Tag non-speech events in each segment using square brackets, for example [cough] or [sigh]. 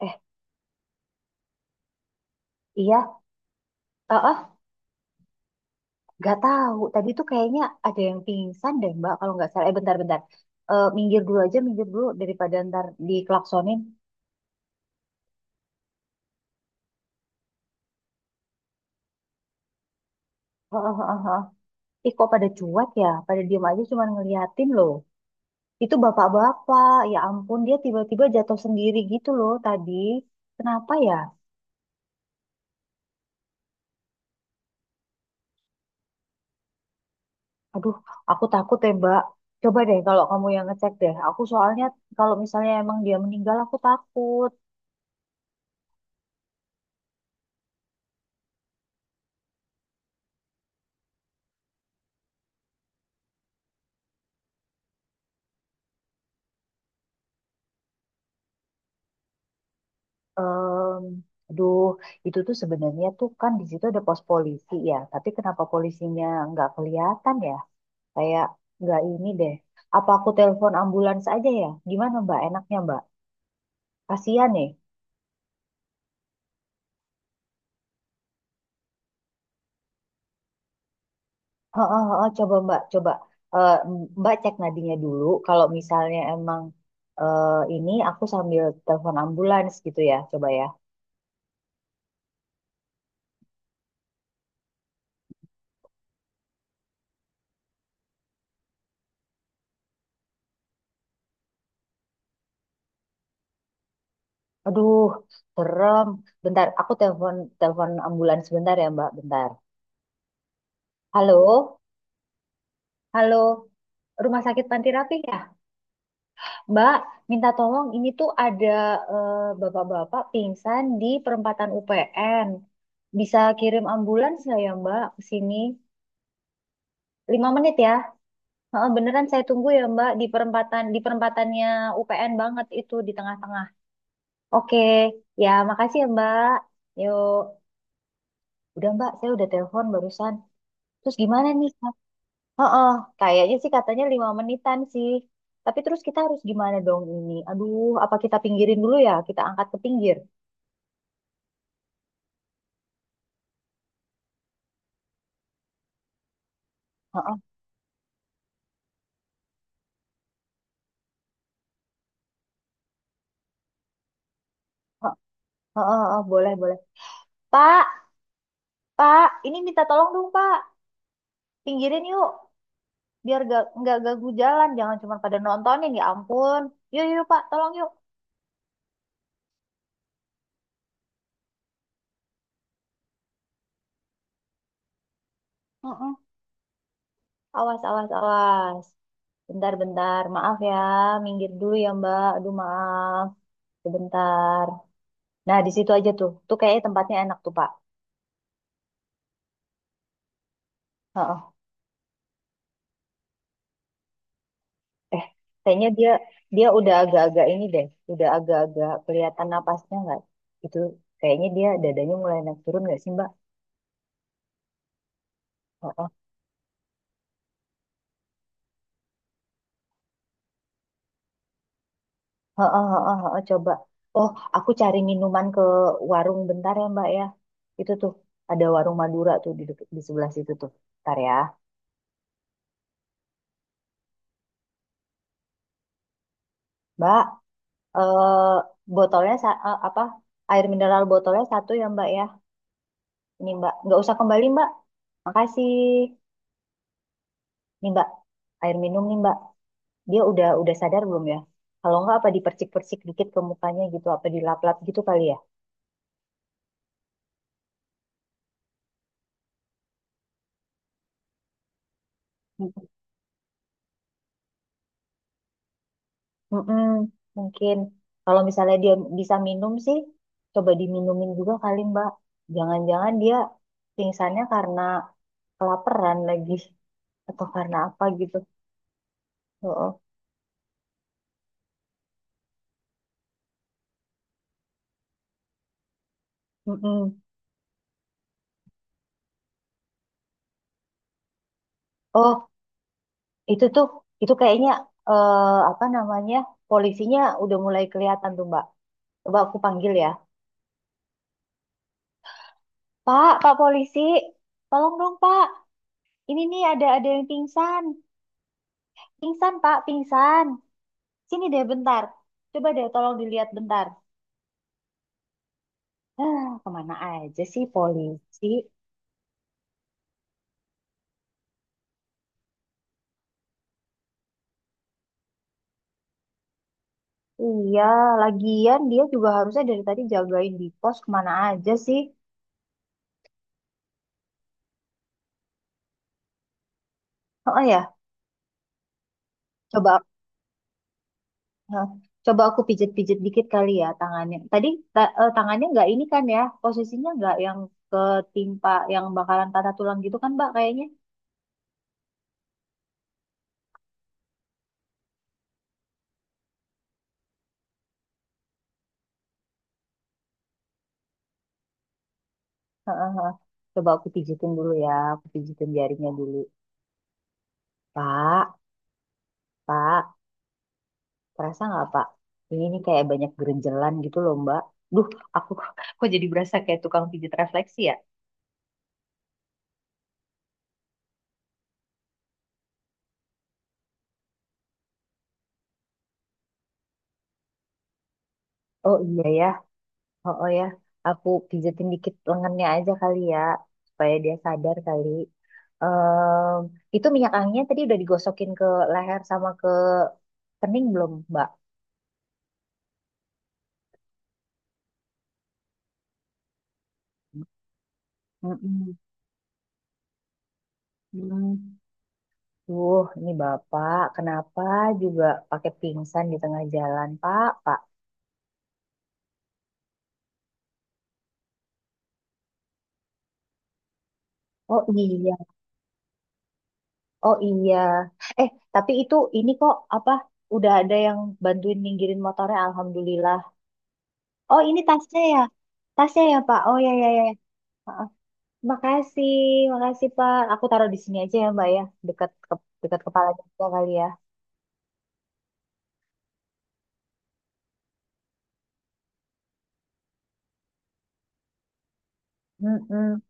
Eh, iya, eh, eh, nggak tahu. Tadi tuh kayaknya ada yang pingsan deh, Mbak. Kalau nggak salah, bentar-bentar. Minggir dulu aja, minggir dulu daripada ntar diklaksonin. Eh, eh, eh, eh. Eh. Ih, kok pada cuek ya? Pada diem aja cuman ngeliatin loh. Itu bapak-bapak, ya ampun, dia tiba-tiba jatuh sendiri gitu loh tadi. Kenapa ya? Aduh, aku takut ya, Mbak. Coba deh kalau kamu yang ngecek deh. Aku soalnya kalau misalnya emang dia meninggal, aku takut. Em, Aduh, itu tuh sebenarnya tuh kan di situ ada pos polisi ya. Tapi kenapa polisinya nggak kelihatan ya? Kayak nggak ini deh. Apa aku telepon ambulans aja ya? Gimana Mbak? Enaknya Mbak? Kasihan nih. Heeh, heeh, coba Mbak, coba. Eh, Mbak cek nadinya dulu. Kalau misalnya emang eh, ini aku sambil telepon ambulans gitu ya, coba ya. Aduh, serem. Bentar, aku telepon telepon ambulans bentar ya Mbak, bentar. Halo. Halo, Rumah Sakit Panti Rapih ya? Mbak, minta tolong ini tuh ada eh, bapak-bapak pingsan di perempatan UPN. Bisa kirim ambulans nggak ya Mbak ke sini? 5 menit ya. Heeh, beneran saya tunggu ya Mbak di perempatannya UPN banget itu di tengah-tengah. Oke, ya makasih ya Mbak. Yuk, udah Mbak, saya udah telepon barusan. Terus gimana nih? Heeh, kayaknya sih katanya 5 menitan sih. Tapi terus kita harus gimana dong ini? Aduh, apa kita pinggirin dulu ya? Kita angkat ke pinggir. Heeh, heeh, heeh, heeh, boleh, boleh. Pak, Pak, ini minta tolong dong, Pak. Pinggirin yuk, biar gak, nggak ganggu jalan. Jangan cuma pada nontonin, ya ampun. Yuk, yuk, Pak, tolong yuk. Heeh. Awas, awas, awas. Bentar, bentar. Maaf ya, minggir dulu ya, Mbak. Aduh, maaf. Sebentar. Nah, di situ aja tuh. Tuh kayaknya tempatnya enak tuh, Pak. Heeh. Eh, Kayaknya dia dia udah agak-agak ini deh, udah agak-agak kelihatan napasnya nggak? Itu kayaknya dia dadanya mulai naik turun nggak sih Mbak? Heeh, heeh, heeh, heeh, coba. Oh, aku cari minuman ke warung bentar ya Mbak ya. Itu tuh ada warung Madura tuh di sebelah situ tuh. Bentar ya, Mbak. Eh, Botolnya apa? Air mineral botolnya satu ya Mbak ya. Ini Mbak, nggak usah kembali Mbak. Makasih. Nih Mbak, air minum nih Mbak. Dia udah sadar belum ya? Kalau nggak apa dipercik-percik dikit ke mukanya gitu, apa dilap-lap gitu kali ya? Mm-mm, mungkin kalau misalnya dia bisa minum sih, coba diminumin juga kali Mbak. Jangan-jangan dia pingsannya karena kelaparan lagi atau karena apa gitu. Oh, mm Oh, itu tuh kayaknya eh, apa namanya polisinya udah mulai kelihatan tuh Mbak. Coba aku panggil ya. Pak, Pak polisi, tolong dong Pak. Ini nih ada yang pingsan. Pingsan, Pak, pingsan. Sini deh bentar. Coba deh tolong dilihat bentar. Hah, kemana aja sih polisi? Iya, lagian dia juga harusnya dari tadi jagain di pos kemana aja sih? Oh ya, coba eh, coba aku pijet-pijet dikit kali ya tangannya. Tadi tangannya nggak ini kan ya, posisinya nggak yang ketimpa yang bakalan patah tulang gitu kan, Mbak kayaknya. Heeh, heeh. Coba aku pijitin dulu ya, aku pijitin jarinya dulu. Pak, Pak. Kerasa nggak Pak? Ini nih kayak banyak gerenjelan gitu loh Mbak. Duh, aku [laughs] kok jadi berasa kayak tukang pijat refleksi ya? Oh iya ya, oh, oh ya. Aku pijatin dikit lengannya aja kali ya, supaya dia sadar kali. Em, itu minyak anginnya tadi udah digosokin ke leher sama ke kening belum Mbak? Mm-mm. Mm. Duh, ini Bapak, kenapa juga pakai pingsan di tengah jalan Pak? Pak, oh iya. Oh iya. Eh, tapi itu ini kok apa udah ada yang bantuin ninggirin motornya alhamdulillah. Oh, ini tasnya ya. Tasnya ya, Pak. Oh ya ya ya. Heeh. Makasih, makasih Pak. Aku taruh di sini aja ya, Mbak ya. Dekat ke, dekat kepala juga kali ya. Mm-mm.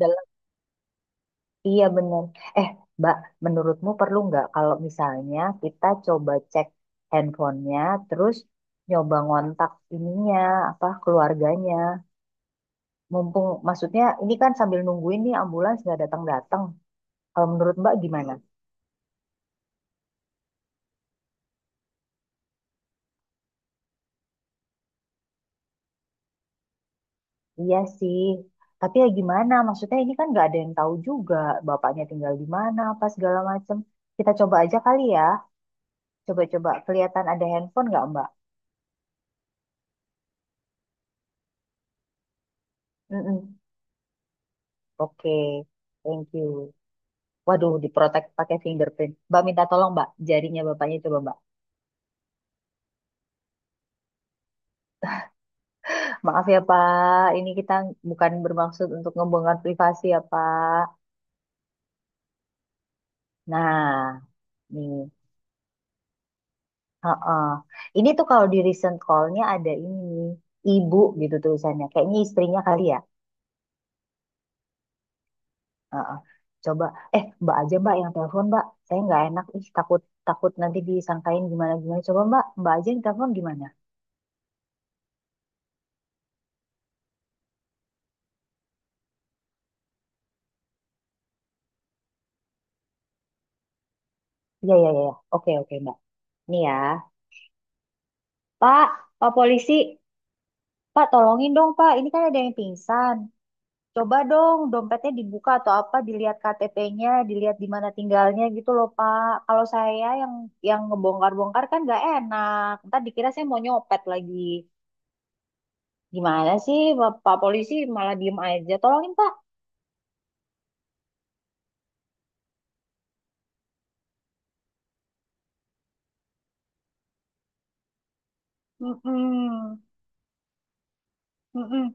Dalam- Iya benar. Eh, Mbak, menurutmu perlu nggak kalau misalnya kita coba cek handphonenya, terus nyoba ngontak ininya, apa keluarganya? Mumpung maksudnya ini kan sambil nungguin nih ambulans nggak datang-datang. Kalau menurut Mbak gimana? Iya sih. Tapi ya gimana? Maksudnya ini kan nggak ada yang tahu juga bapaknya tinggal di mana apa segala macem. Kita coba aja kali ya. Coba-coba kelihatan ada handphone nggak Mbak? Mm-mm. Oke, thank you. Waduh, diprotek pakai fingerprint. Mbak minta tolong Mbak, jarinya bapaknya coba Mbak. Maaf ya Pak, ini kita bukan bermaksud untuk ngebongkar privasi ya Pak. Nah, nih. Heeh. Ini tuh kalau di recent call-nya ada ini, ibu gitu tulisannya. Kayaknya istrinya kali ya. Heeh. Coba, mbak aja mbak yang telepon mbak. Saya nggak enak, ih takut takut nanti disangkain gimana-gimana. Coba mbak, mbak aja yang telepon gimana? Iya, iya, iya. Iya. Oke, oke mbak. Nih ya. Pak, pak polisi. Pak tolongin dong pak, ini kan ada yang pingsan. Coba dong dompetnya dibuka atau apa dilihat KTP-nya, dilihat di mana tinggalnya gitu loh Pak. Kalau saya yang ngebongkar-bongkar kan nggak enak. Ntar dikira saya mau nyopet lagi. Gimana sih Pak Pak Polisi malah diem aja. Tolongin Pak. Mm-mm. Mm-mm.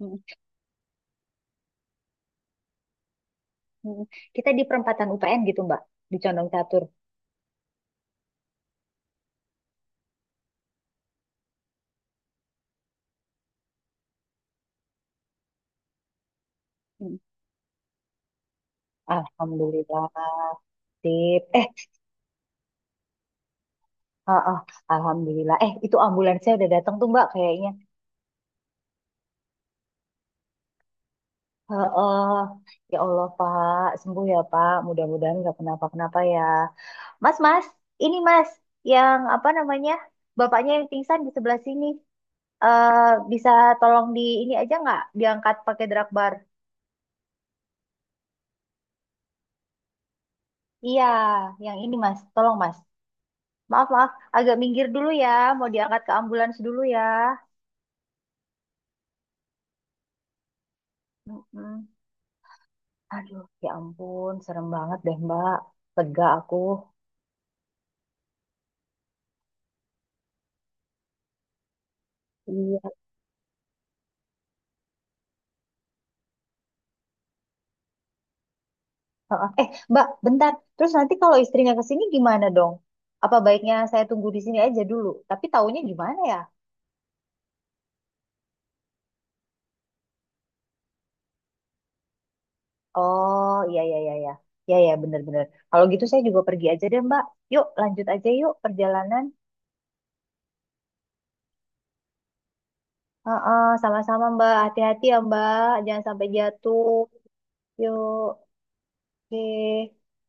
Mm-mm. Kita di perempatan UPN gitu Mbak, di Condong Catur. Mm. Alhamdulillah. Sip. Ah, ah, Alhamdulillah. Itu ambulansnya udah datang tuh Mbak kayaknya. Heeh. Ya Allah, Pak. Sembuh ya, Pak. Mudah-mudahan nggak kenapa-kenapa ya. Mas, Mas. Ini, Mas. Yang apa namanya? Bapaknya yang pingsan di sebelah sini. Eh, Bisa tolong di ini aja nggak? Diangkat pakai drag bar. Iya, yang ini, Mas. Tolong, Mas. Maaf, maaf. Agak minggir dulu ya. Mau diangkat ke ambulans dulu ya. Mm-mm. Aduh, ya ampun. Serem banget deh, Mbak. Lega aku. Iya. Heeh. Mbak, bentar. Terus nanti kalau istrinya ke sini gimana dong? Apa baiknya saya tunggu di sini aja dulu? Tapi taunya gimana ya? Oh, iya, iya, iya, iya. Iya, iya, bener-bener. Kalau gitu saya juga pergi aja deh, Mbak. Yuk, lanjut aja yuk perjalanan. Heeh, sama-sama, Mbak. Hati-hati ya, Mbak. Jangan sampai jatuh. Yuk, oke.